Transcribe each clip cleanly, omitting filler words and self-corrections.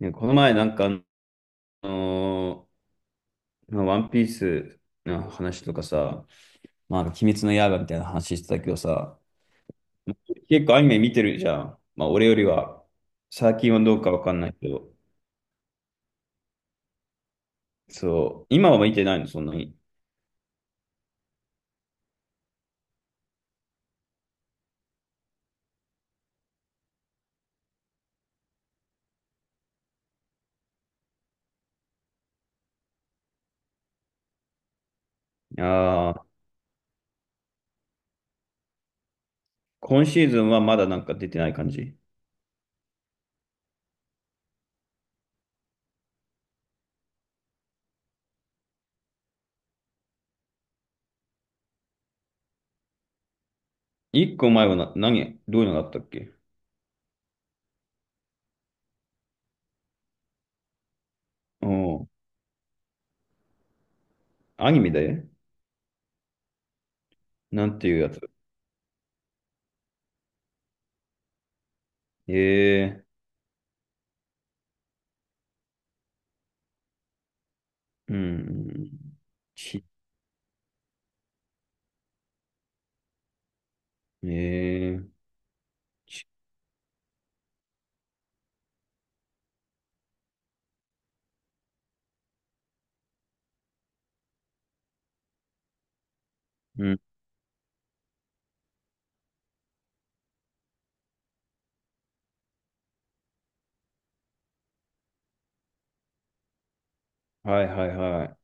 ね、この前なんか、のまあワンピースの話とかさ、まあ、鬼滅の刃みたいな話してたけどさ、結構アニメ見てるじゃん。まあ、俺よりは、最近はどうかわかんないけど、そう、今は見てないの、そんなに。ああ、今シーズンはまだなんか出てない感じ。一個前はな、何、どういうのがあったっけ。おう。アニメで。なんていうやつ。ええー、うん、ち、ええー、ち、うん、はいはいはい。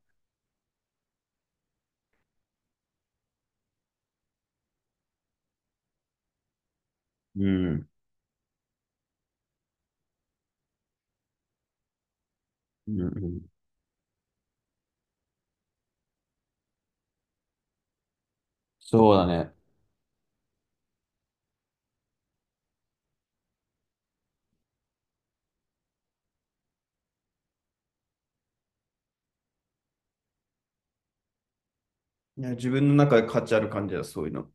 うん。うんうん。そうだね。いや、自分の中で価値ある感じだ、そういうの。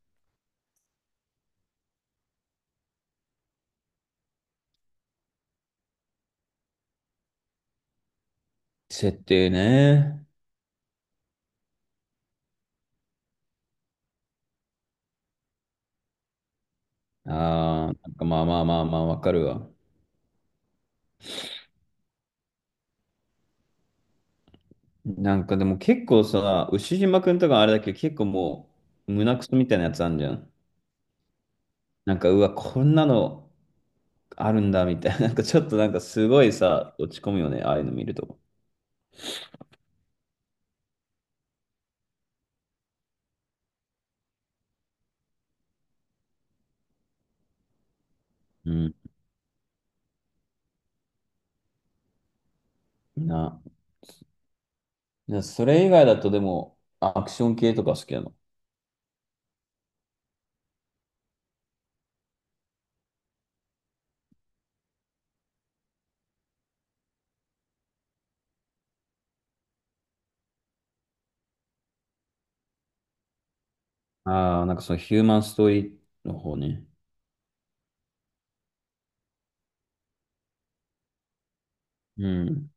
設定ね。ああ、なんかまあまあまあまあ、わかるわ。なんかでも結構さ、牛島くんとかあれだけど、結構胸クソみたいなやつあんじゃん。なんか、うわ、こんなのあるんだ、みたいな。なんかちょっとなんかすごいさ、落ち込むよね、ああいうの見ると。うん。な。な、それ以外だとでも、アクション系とか好きなの。ああ、なんかそのヒューマンストーリーの方ね。うん。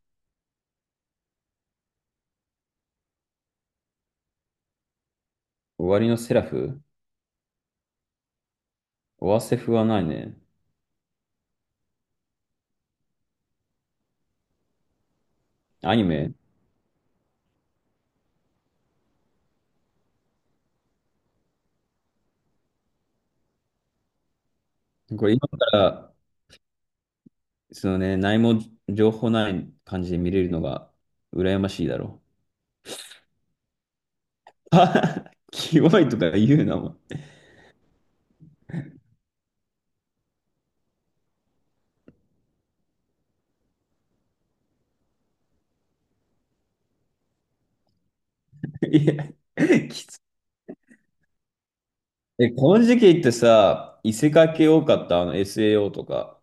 終わりのセラフ、オアセフはないね。アニメ。これ今から、そのね、何も情報ない感じで見れるのが羨ましいだろう。キモいとか言うな、もう。いや、きつい。え、この時期ってさ、異世界系多かった、あの SAO とか。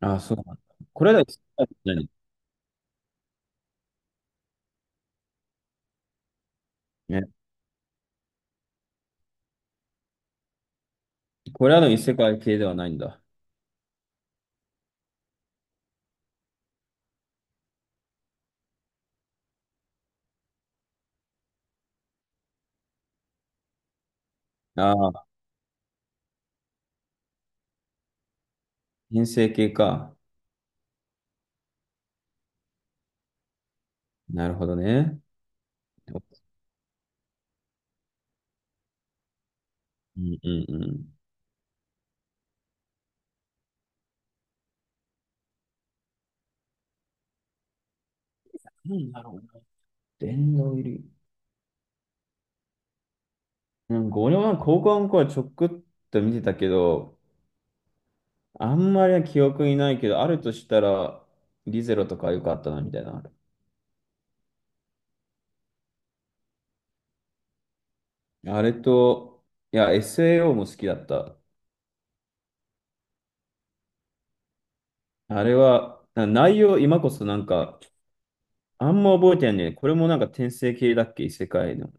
あ、そうなんだ。これら異世界じゃないね。これらの異世界系ではないんだ。ああ、編成系か。なるほどね。うんうんうん。なんだろうな。電脳入り。なんか俺は高校の頃はちょくっと見てたけど、あんまり記憶にないけど、あるとしたら、リゼロとか良かったな、みたいな。あれと、いや、SAO も好きだった。あれは、な内容、今こそなんか、あんま覚えてないんだよね。これもなんか転生系だっけ異世界の。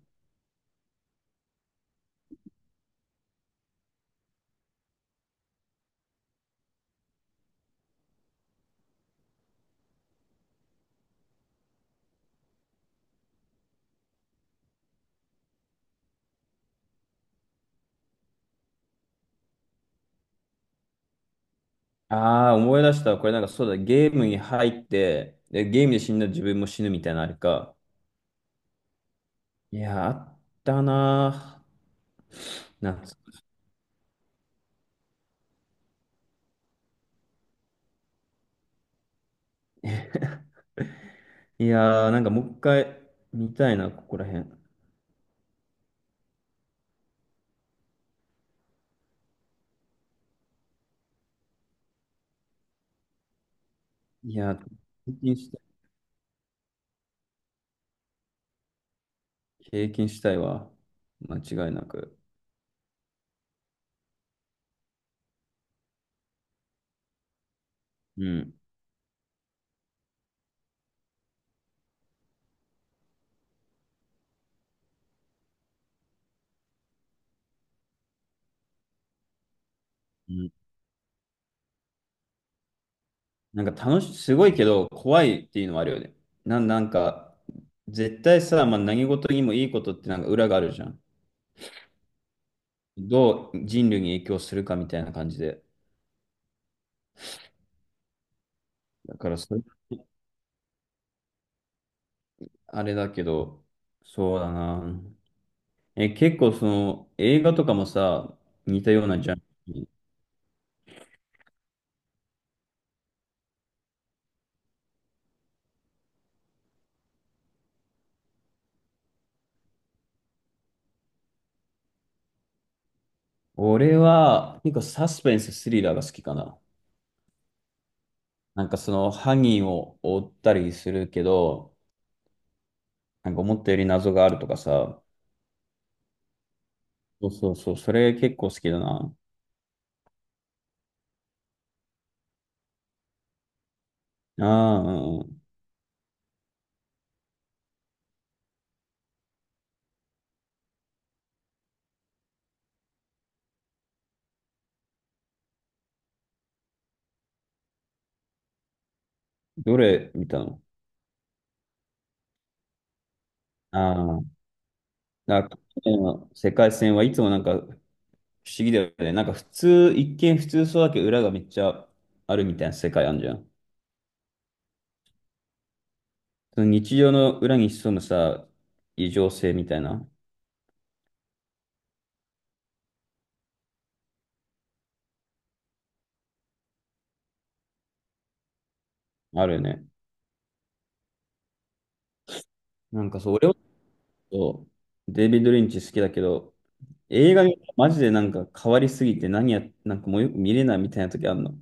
ああ、思い出した。これなんかそうだ、ゲームに入って、で、ゲームで死んだら自分も死ぬみたいなのあれか。いや、あったなぁ。夏。いやー、なんかもう一回見たいな、ここら辺。いやー、経験したい。経験したいわ。間違いなく。うん。うん。なんか楽し、すごいけど、怖いっていうのはあるよね。なん、なんか、絶対さ、まあ、何事にもいいことってなんか裏があるじゃん。どう人類に影響するかみたいな感じで。だからそれ、あれだけど、そうだな。え、結構その映画とかもさ、似たようなジャンル。俺は結構サスペンス、スリラーが好きかな。なんかその犯人を追ったりするけど、なんか思ったより謎があるとかさ。そうそうそう、それ結構好きだな。ああ、うんうん。どれ見たの。ああ、なんか去年の世界戦はいつもなんか不思議だよね。なんか普通、一見普通そうだけど裏がめっちゃあるみたいな世界あるじゃん。その日常の裏に潜むさ、異常性みたいな、あるよね。なんかそう、俺はそう、デイビッド・リンチ好きだけど、映画見たらマジでなんか変わりすぎて何や、なんかもうよく見れないみたいな時あるの。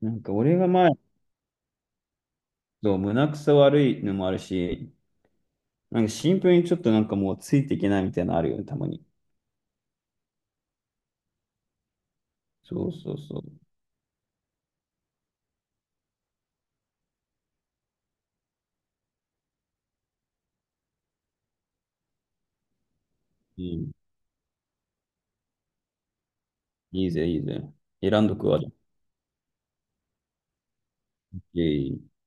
なんか俺が前、そう胸くそ悪いのもあるし、なんかシンプルにちょっとなんかもうついていけないみたいなのあるよね、たまに。そうそうそう。うん、いいぜ、いいぜ。選んどくわ。イェイ